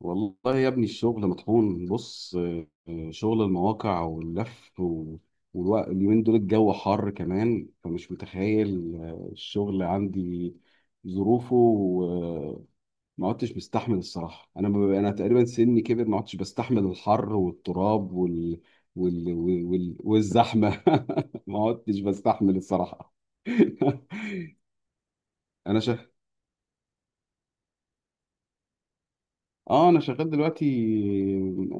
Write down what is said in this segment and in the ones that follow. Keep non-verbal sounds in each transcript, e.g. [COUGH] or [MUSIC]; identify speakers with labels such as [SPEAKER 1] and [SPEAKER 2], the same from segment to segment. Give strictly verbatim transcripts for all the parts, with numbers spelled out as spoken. [SPEAKER 1] والله يا ابني، الشغل مطحون. بص، آه، آه، شغل المواقع واللف و- والوقت. اليومين دول الجو حر كمان، فمش متخيل. آه، الشغل عندي ظروفه، وما عدتش بستحمل الصراحة. أنا ب- أنا تقريبا سني كبر، ما عدتش بستحمل الحر والتراب وال... وال... وال... وال- والزحمة. [LAUGHS] ما عدتش بستحمل الصراحة. [LAUGHS] أنا شغال. اه انا شغال دلوقتي،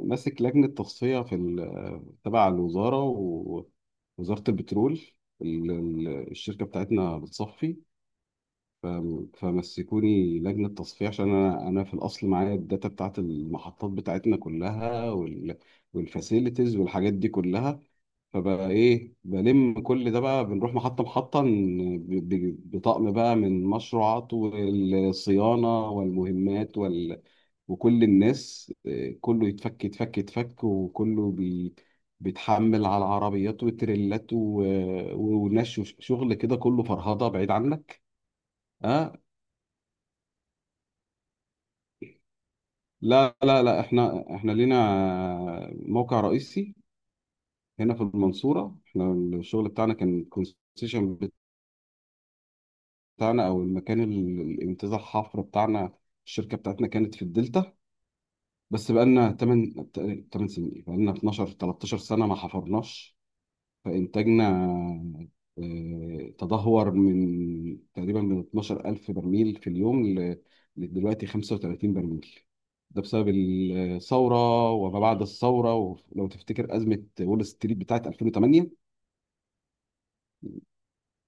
[SPEAKER 1] ماسك لجنه تصفيه في ال- تبع الوزاره، ووزاره البترول. ال- ال- الشركه بتاعتنا بتصفي، ف- فمسكوني لجنه تصفيه، عشان انا انا في الاصل معايا الداتا بتاعت المحطات بتاعتنا كلها، وال والفاسيلتيز والحاجات دي كلها. فبقى ايه؟ بلم كل ده بقى، بنروح محطة محطة، ن- ب- ب- بطقم بقى، من مشروعات والصيانة والمهمات وال... وكل الناس. آه، كله يتفك يتفك يتفك، وكله بي... بيتحمل على العربيات وتريلات و... ونش. شغل كده، كله فرهضة، بعيد عنك. اه، لا لا لا، احنا احنا لينا موقع رئيسي هنا في المنصورة. احنا الشغل بتاعنا كان كونسيشن بتاعنا، او المكان، ال- الامتزاج الحفر بتاعنا. الشركه بتاعتنا كانت في الدلتا، بس بقالنا ثمانية تمن سنين. إيه؟ بقالنا اثنا عشر تلتاشر سنه ما حفرناش، فانتاجنا آه، تدهور من تقريبا من اتناشر الف برميل في اليوم ل- لدلوقتي خمسة وثلاثين برميل. ده بسبب الثوره، وما بعد الثوره، ولو تفتكر ازمه وول ستريت بتاعت ألفين وتمانية.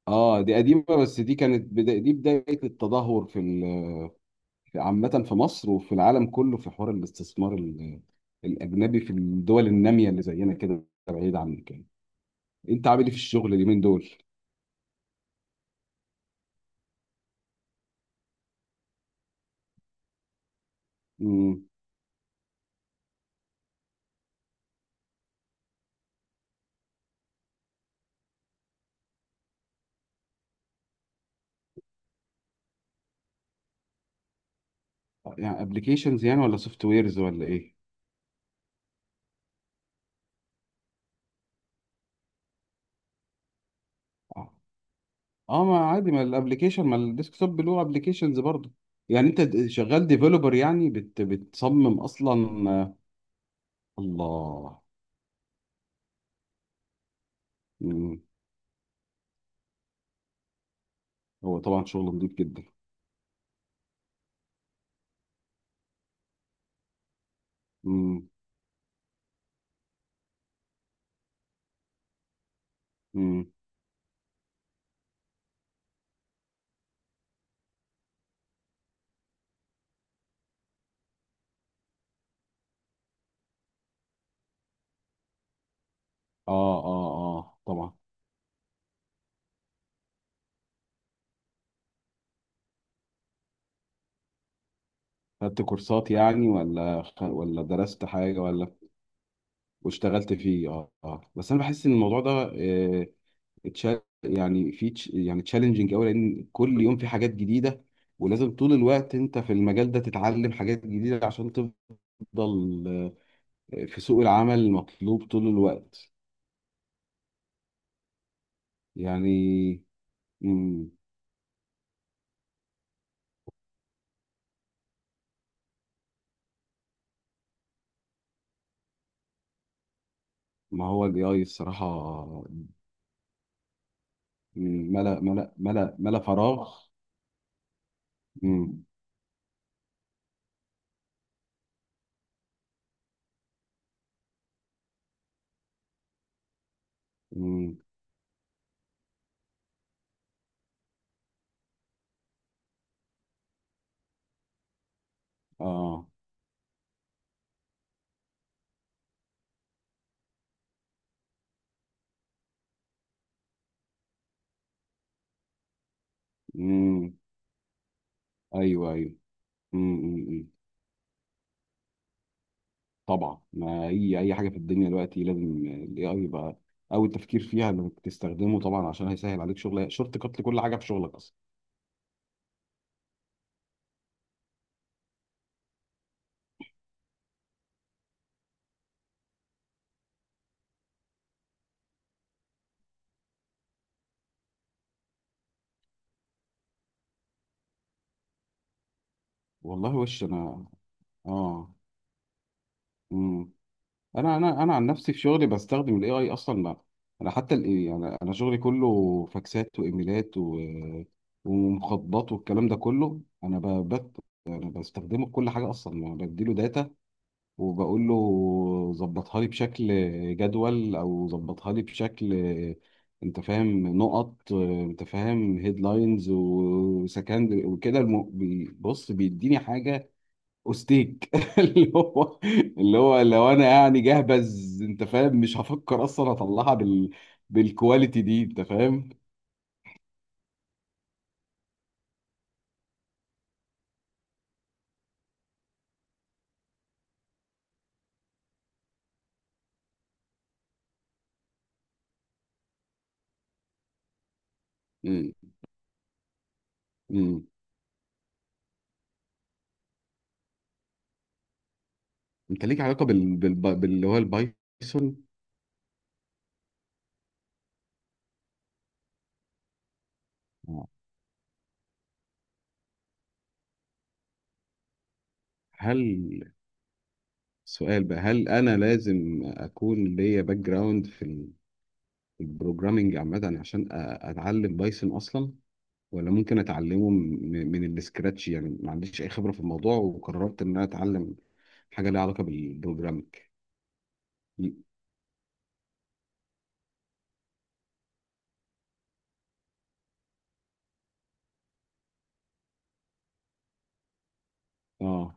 [SPEAKER 1] اه، دي قديمه، بس دي كانت بدا... دي بدايه التدهور في عامة في مصر، وفي العالم كله، في حوار الاستثمار ال- الأجنبي في الدول النامية اللي زينا كده، بعيد عنك يعني. أنت عامل إيه في الشغل اليومين دول؟ امم. يعني أبلكيشنز يعني، ولا سوفت ويرز، ولا إيه؟ أه. آه، ما عادي، ما الأبلكيشن، ما الديسكتوب له أبلكيشنز برضه. يعني أنت د- شغال ديفلوبر، يعني بت بتصمم أصلا آه، الله. مم. هو طبعا شغل نضيف جدا. امم. امم. آه، آه، آه، طبعا. خدت كورسات يعني، ولا خ... ولا درست حاجة، ولا؟ واشتغلت فيه. اه، اه، بس انا بحس ان الموضوع ده آه، اتشال يعني، في تش- يعني تشالنجينج قوي، لان كل يوم في حاجات جديدة، ولازم طول الوقت انت في المجال ده تتعلم حاجات جديدة عشان تفضل آه، في سوق العمل المطلوب طول الوقت. يعني. مم. ما هو الاي اي الصراحة. مم، ملأ ملأ ملأ ملأ فراغ. مم. مم. اه. مم. ايوه، ايوه. امم. طبعا، ما اي اي حاجه في الدنيا دلوقتي لازم الاي اي يبقى اول تفكير فيها، انك تستخدمه، طبعا، عشان هيسهل عليك شغل، شورت كات لكل حاجه في شغلك اصلا. والله، وش انا. اه. امم. انا انا انا عن نفسي في شغلي بستخدم الاي اي اصلا. ما انا حتى الاي يعني انا شغلي كله فاكسات، وايميلات و... ومخططات، والكلام ده كله، انا ب... بت... انا بستخدمه في كل حاجه اصلا. ما بديله داتا، وبقول له: ظبطها لي بشكل جدول، او ظبطها لي بشكل، انت فاهم، نقط، انت فاهم، هيدلاينز وسكند وكده. الم... بي- بص، بيديني حاجه اوستيك [LAUGHS] اللي هو اللي هو لو انا يعني جهبذ، انت فاهم، مش هفكر اصلا اطلعها بال... بالكواليتي دي، انت فاهم. مم. مم. انت ليك علاقه بال... بال... باللي هو البايثون؟ هل سؤال بقى: هل انا لازم اكون ليا باك جراوند في ال- في البروجرامينج عامه، عشان أ- اتعلم بايثون اصلا؟ ولا ممكن اتعلمه من, من السكراتش، يعني ما عنديش اي خبره في الموضوع، وقررت ان انا اتعلم حاجه ليها علاقه بالبروجرامينج؟ ي- اه.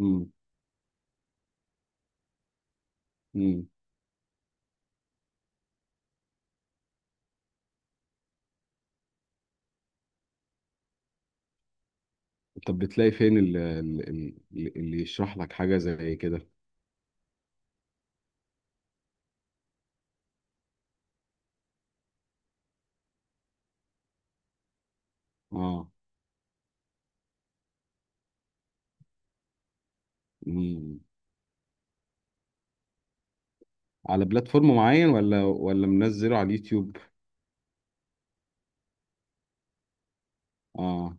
[SPEAKER 1] امم. امم. طب بتلاقي فين ال- ال- ال- اللي يشرح لك حاجه زي كده؟ اه. امم. على بلاتفورم معين، ولا ولا منزله على اليوتيوب؟ اه،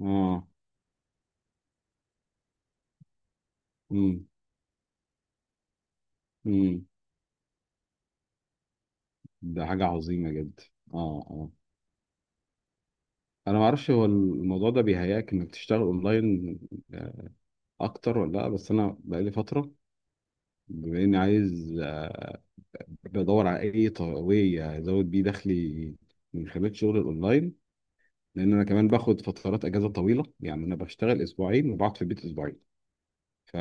[SPEAKER 1] اه. امم. ده حاجة عظيمة جدا. اه، اه. انا ما اعرفش، هو الموضوع ده بيهيأك انك تشتغل اونلاين آه، اكتر ولا لا؟ بس انا بقالي فترة، بما اني عايز آه، بدور على اي ط- واي ازود بيه دخلي من خلال شغل الاونلاين، لان انا كمان باخد فترات اجازة طويلة. يعني انا بشتغل اسبوعين، وبقعد في البيت اسبوعين، ف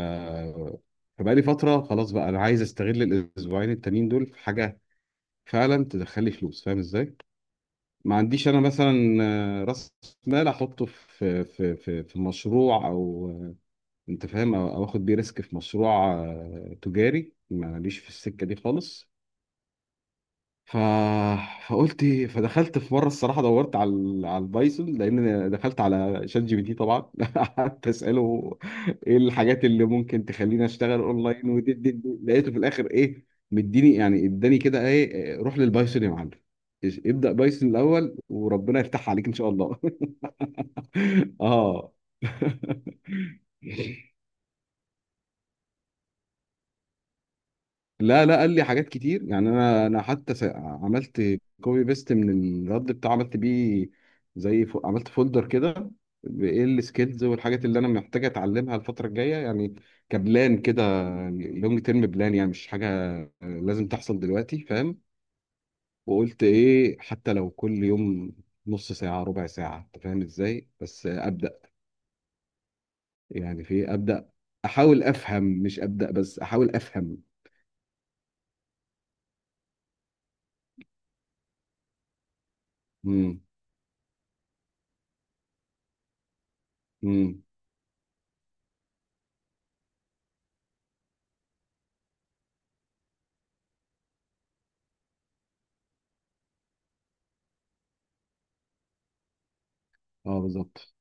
[SPEAKER 1] فبقالي فترة. خلاص بقى، انا عايز استغل الاسبوعين التانيين دول في حاجة فعلا تدخل لي فلوس، فاهم ازاي. ما عنديش انا مثلا آه، راس مال احطه في في في في مشروع، او آه، انت فاهم، او أو اخد بيه ريسك في مشروع آه، تجاري. ماليش في السكه دي خالص. ف... فقلت، فدخلت في مره، الصراحه دورت على ال- على البايثون، لان أنا دخلت على شات جي بي تي طبعا [LAUGHS] قعدت اساله: ايه الحاجات اللي ممكن تخليني اشتغل اونلاين؟ ودي دي دي. لقيته في الاخر ايه؟ مديني، يعني اداني كده ايه إيه، روح للبايثون يا معلم، إيش- ابدا بايثون الاول، وربنا يفتح عليك ان شاء الله. [LAUGHS] اه. [LAUGHS] لا، لا، قال لي حاجات كتير. يعني انا انا حتى س- عملت كوبي بيست من الرد بتاعه، عملت بيه زي، ف... عملت فولدر كده بايه السكيلز والحاجات اللي انا محتاج اتعلمها الفتره الجايه، يعني كبلان كده، لونج تيرم بلان، يعني مش حاجه لازم تحصل دلوقتي، فاهم. وقلت ايه، حتى لو كل يوم نص ساعه، ربع ساعه، انت فاهم ازاي، بس ابدا. يعني في إيه؟ ابدا احاول افهم، مش ابدا بس، احاول افهم. امم. امم. اه، بالظبط.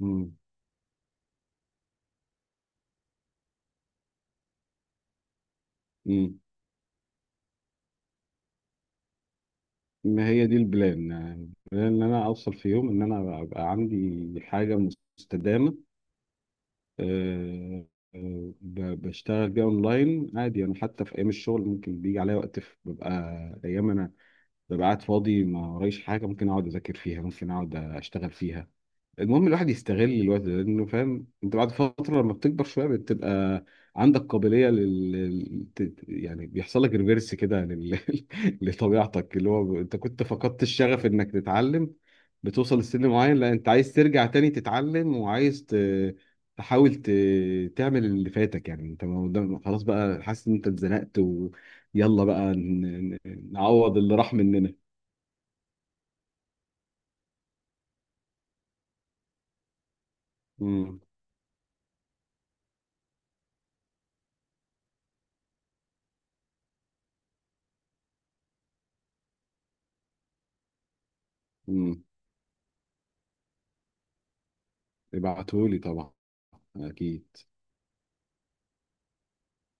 [SPEAKER 1] مم. مم. ما هي دي البلان. يعني البلان ان انا اوصل في يوم ان انا ابقى عندي حاجه مستدامه. أه. آه، ب- بشتغل بيها اونلاين عادي. انا حتى في ايام الشغل ممكن بيجي عليا وقت في- ببقى ايام انا ببقى قاعد فاضي، ما ورايش حاجه، ممكن اقعد اذاكر فيها، ممكن اقعد اشتغل فيها. المهم الواحد يستغل الوقت ده، لانه فاهم انت بعد فتره لما بتكبر شويه بتبقى عندك قابليه لل لل- ت- يعني بيحصل لك ريفيرس كده لل... [LAUGHS] لطبيعتك، اللي هو ب- انت كنت فقدت الشغف انك تتعلم، بتوصل لسن معين لا انت عايز ترجع تاني تتعلم، وعايز ت... تحاول ت... تعمل اللي فاتك. يعني انت ما قدام- خلاص بقى حاسس ان انت اتزنقت، ويلا بقى ن... ن- نعوض اللي راح مننا. امم. امم. ابعتهولي طبعا، اكيد.